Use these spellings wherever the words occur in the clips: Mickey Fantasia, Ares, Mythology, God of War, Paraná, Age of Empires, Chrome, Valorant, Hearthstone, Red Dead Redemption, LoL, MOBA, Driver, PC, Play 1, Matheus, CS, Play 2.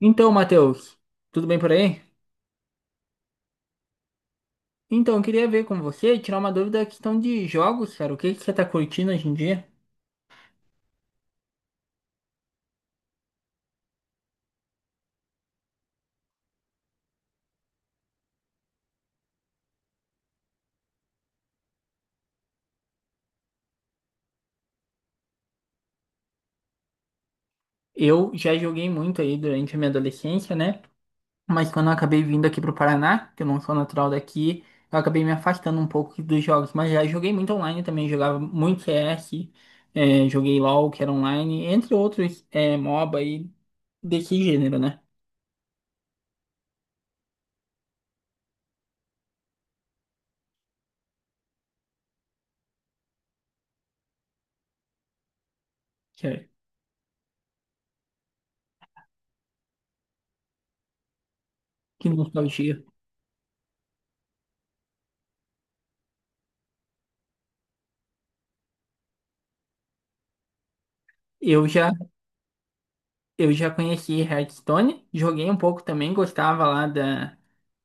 Então, Matheus, tudo bem por aí? Então, eu queria ver com você, tirar uma dúvida da questão de jogos, cara. O que que você tá curtindo hoje em dia? Eu já joguei muito aí durante a minha adolescência, né? Mas quando eu acabei vindo aqui pro Paraná, que eu não sou natural daqui, eu acabei me afastando um pouco dos jogos. Mas já joguei muito online também, jogava muito CS, joguei LoL, que era online, entre outros, MOBA e desse gênero, né? Que, é, que nostalgia. Eu já Eu já conheci Hearthstone, joguei um pouco também, gostava lá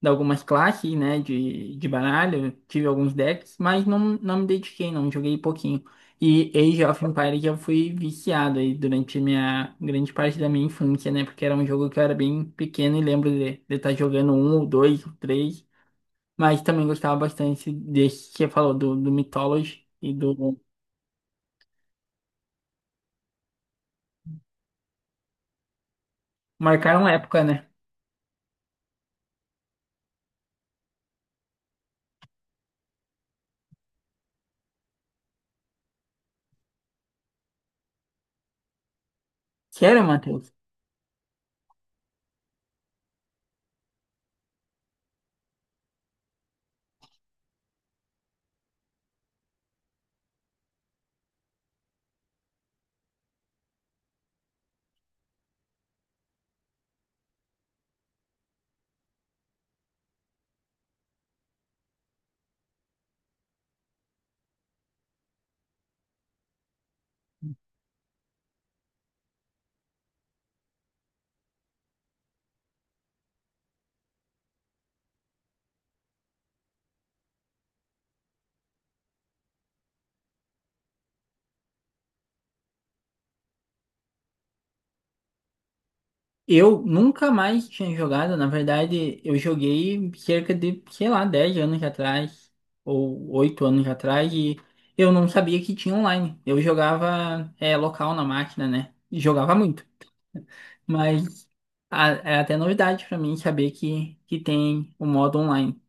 de algumas classes, né, de baralho, tive alguns decks, mas não, não me dediquei, não, joguei pouquinho. E Age of Empires eu fui viciado aí durante minha grande parte da minha infância, né, porque era um jogo que eu era bem pequeno e lembro de estar jogando um, ou dois, ou três, mas também gostava bastante desse que você falou, do Mythology e do... Marcaram época, né? Sério, Matheus? Eu nunca mais tinha jogado, na verdade, eu joguei cerca de, sei lá, 10 anos atrás, ou 8 anos atrás, e eu não sabia que tinha online. Eu jogava é, local na máquina, né? E jogava muito. Mas é até novidade pra mim saber que tem o modo online.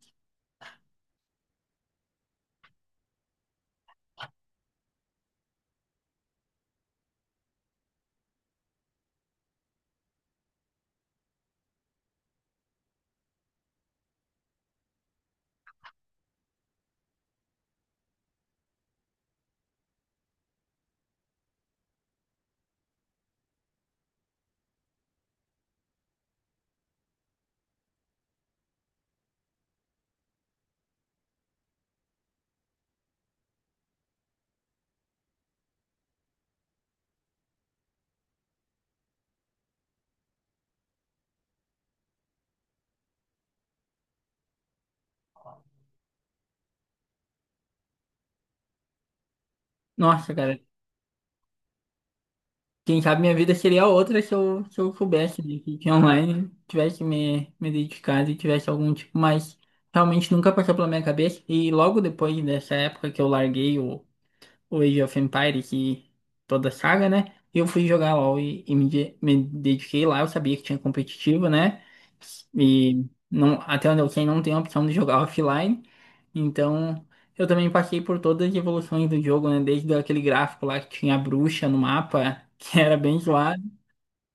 Nossa, cara. Quem sabe minha vida seria outra se eu, se eu soubesse de que online, tivesse me, me dedicado e tivesse algum tipo, mas realmente nunca passou pela minha cabeça. E logo depois dessa época que eu larguei o Age of Empire, que toda a saga, né? Eu fui jogar LoL e me dediquei lá. Eu sabia que tinha competitivo, né? E não, até onde eu sei, não tem a opção de jogar offline. Então, eu também passei por todas as evoluções do jogo, né? Desde aquele gráfico lá que tinha a bruxa no mapa, que era bem zoado,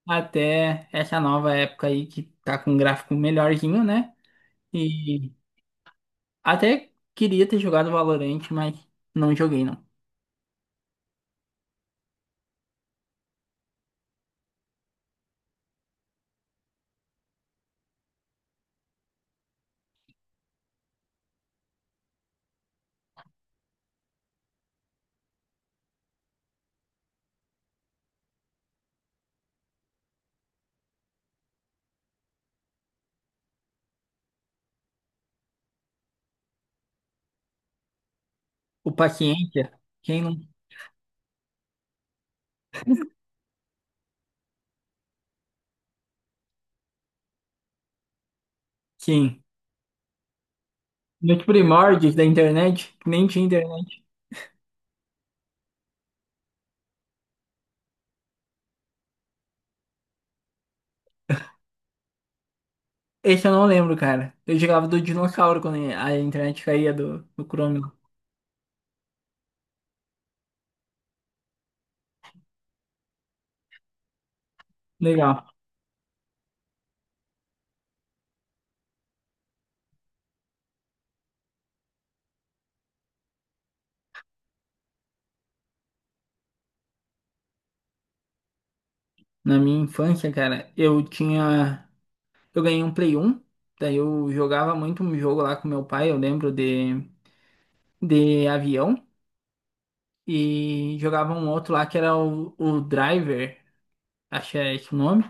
até essa nova época aí que tá com um gráfico melhorzinho, né? E até queria ter jogado Valorant, mas não joguei, não. O Paciência, quem não... Sim. Nos primórdios da internet, que nem tinha internet. Esse eu não lembro, cara. Eu jogava do dinossauro quando a internet caía do Chrome lá. Legal. Na minha infância, cara, eu tinha. Eu ganhei um Play 1. Daí eu jogava muito um jogo lá com meu pai, eu lembro de avião. E jogava um outro lá que era o Driver, acho que é esse o nome.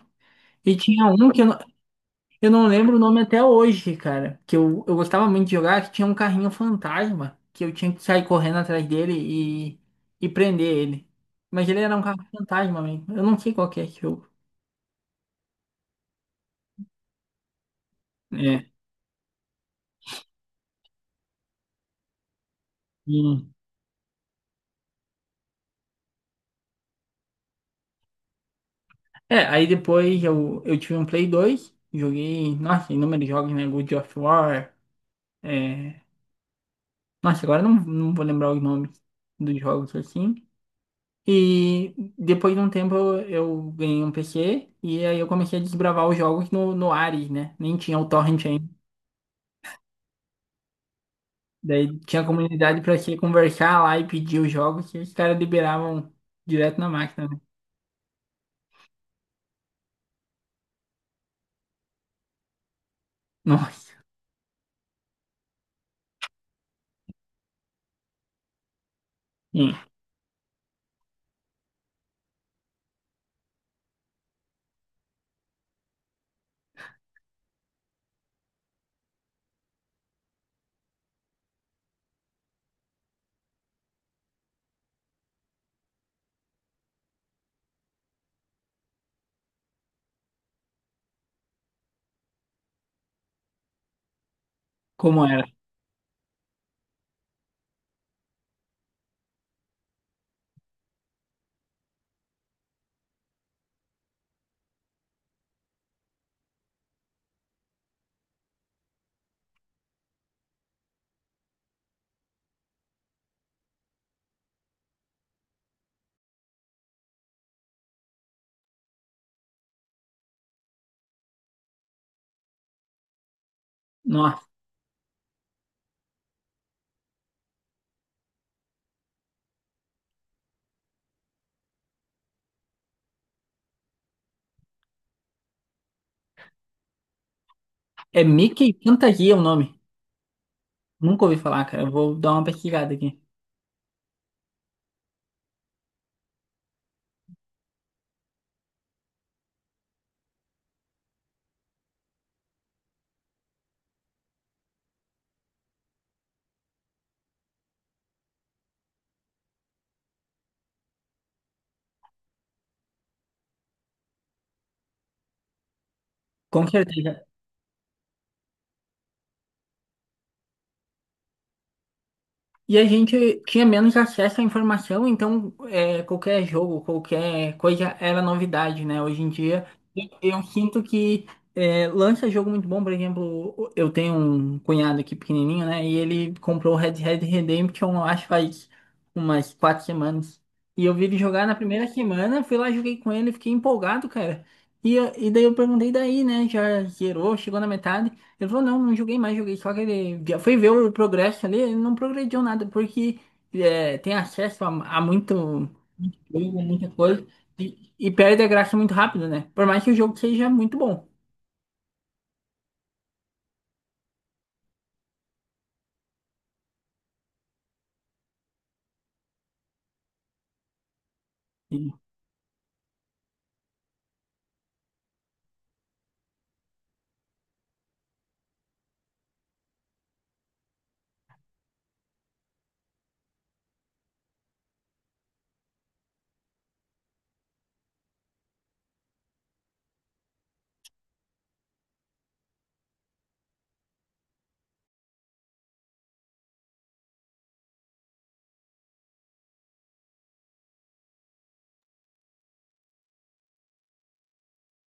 E tinha um que eu não lembro o nome até hoje, cara. Que eu gostava muito de jogar, que tinha um carrinho fantasma, que eu tinha que sair correndo atrás dele e prender ele. Mas ele era um carro fantasma mesmo. Eu não sei qual que é esse jogo. É. E- É, aí depois eu tive um Play dois, joguei, nossa, inúmeros jogos, né? God of War. É, nossa, agora eu não, não vou lembrar os nomes dos jogos assim. E depois de um tempo eu ganhei um PC e aí eu comecei a desbravar os jogos no Ares, né? Nem tinha o torrent ainda. Daí tinha comunidade pra você conversar lá e pedir os jogos que os caras liberavam direto na máquina, né? Nossa, sim, como era? Nossa, é Mickey Fantasia o nome. Nunca ouvi falar, cara. Eu vou dar uma pesquisada aqui. Com certeza. E a gente tinha menos acesso à informação, então é, qualquer jogo, qualquer coisa era novidade, né? Hoje em dia, eu eu sinto que é, lança jogo muito bom, por exemplo, eu tenho um cunhado aqui pequenininho, né? E ele comprou o Red Dead Redemption, eu acho, faz umas quatro semanas. E eu vi ele jogar na primeira semana, fui lá, joguei com ele, fiquei empolgado, cara. E daí eu perguntei daí, né? Já zerou, chegou na metade. Ele falou, não, não joguei mais, joguei só aquele dia. Foi ver o progresso ali, ele não progrediu nada, porque é, tem acesso a muito jogo, muita coisa, e perde a graça muito rápido, né? Por mais que o jogo seja muito bom. E,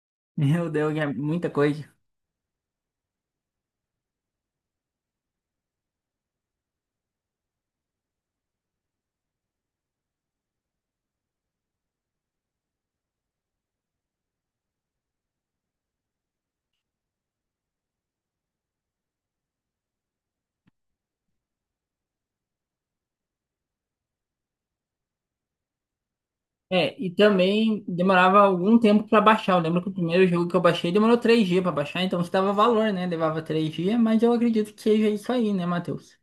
meu Deus, é muita coisa. É, e também demorava algum tempo para baixar. Eu lembro que o primeiro jogo que eu baixei demorou três dias para baixar, então isso dava valor, né? Levava três dias, mas eu acredito que seja isso aí, né, Matheus?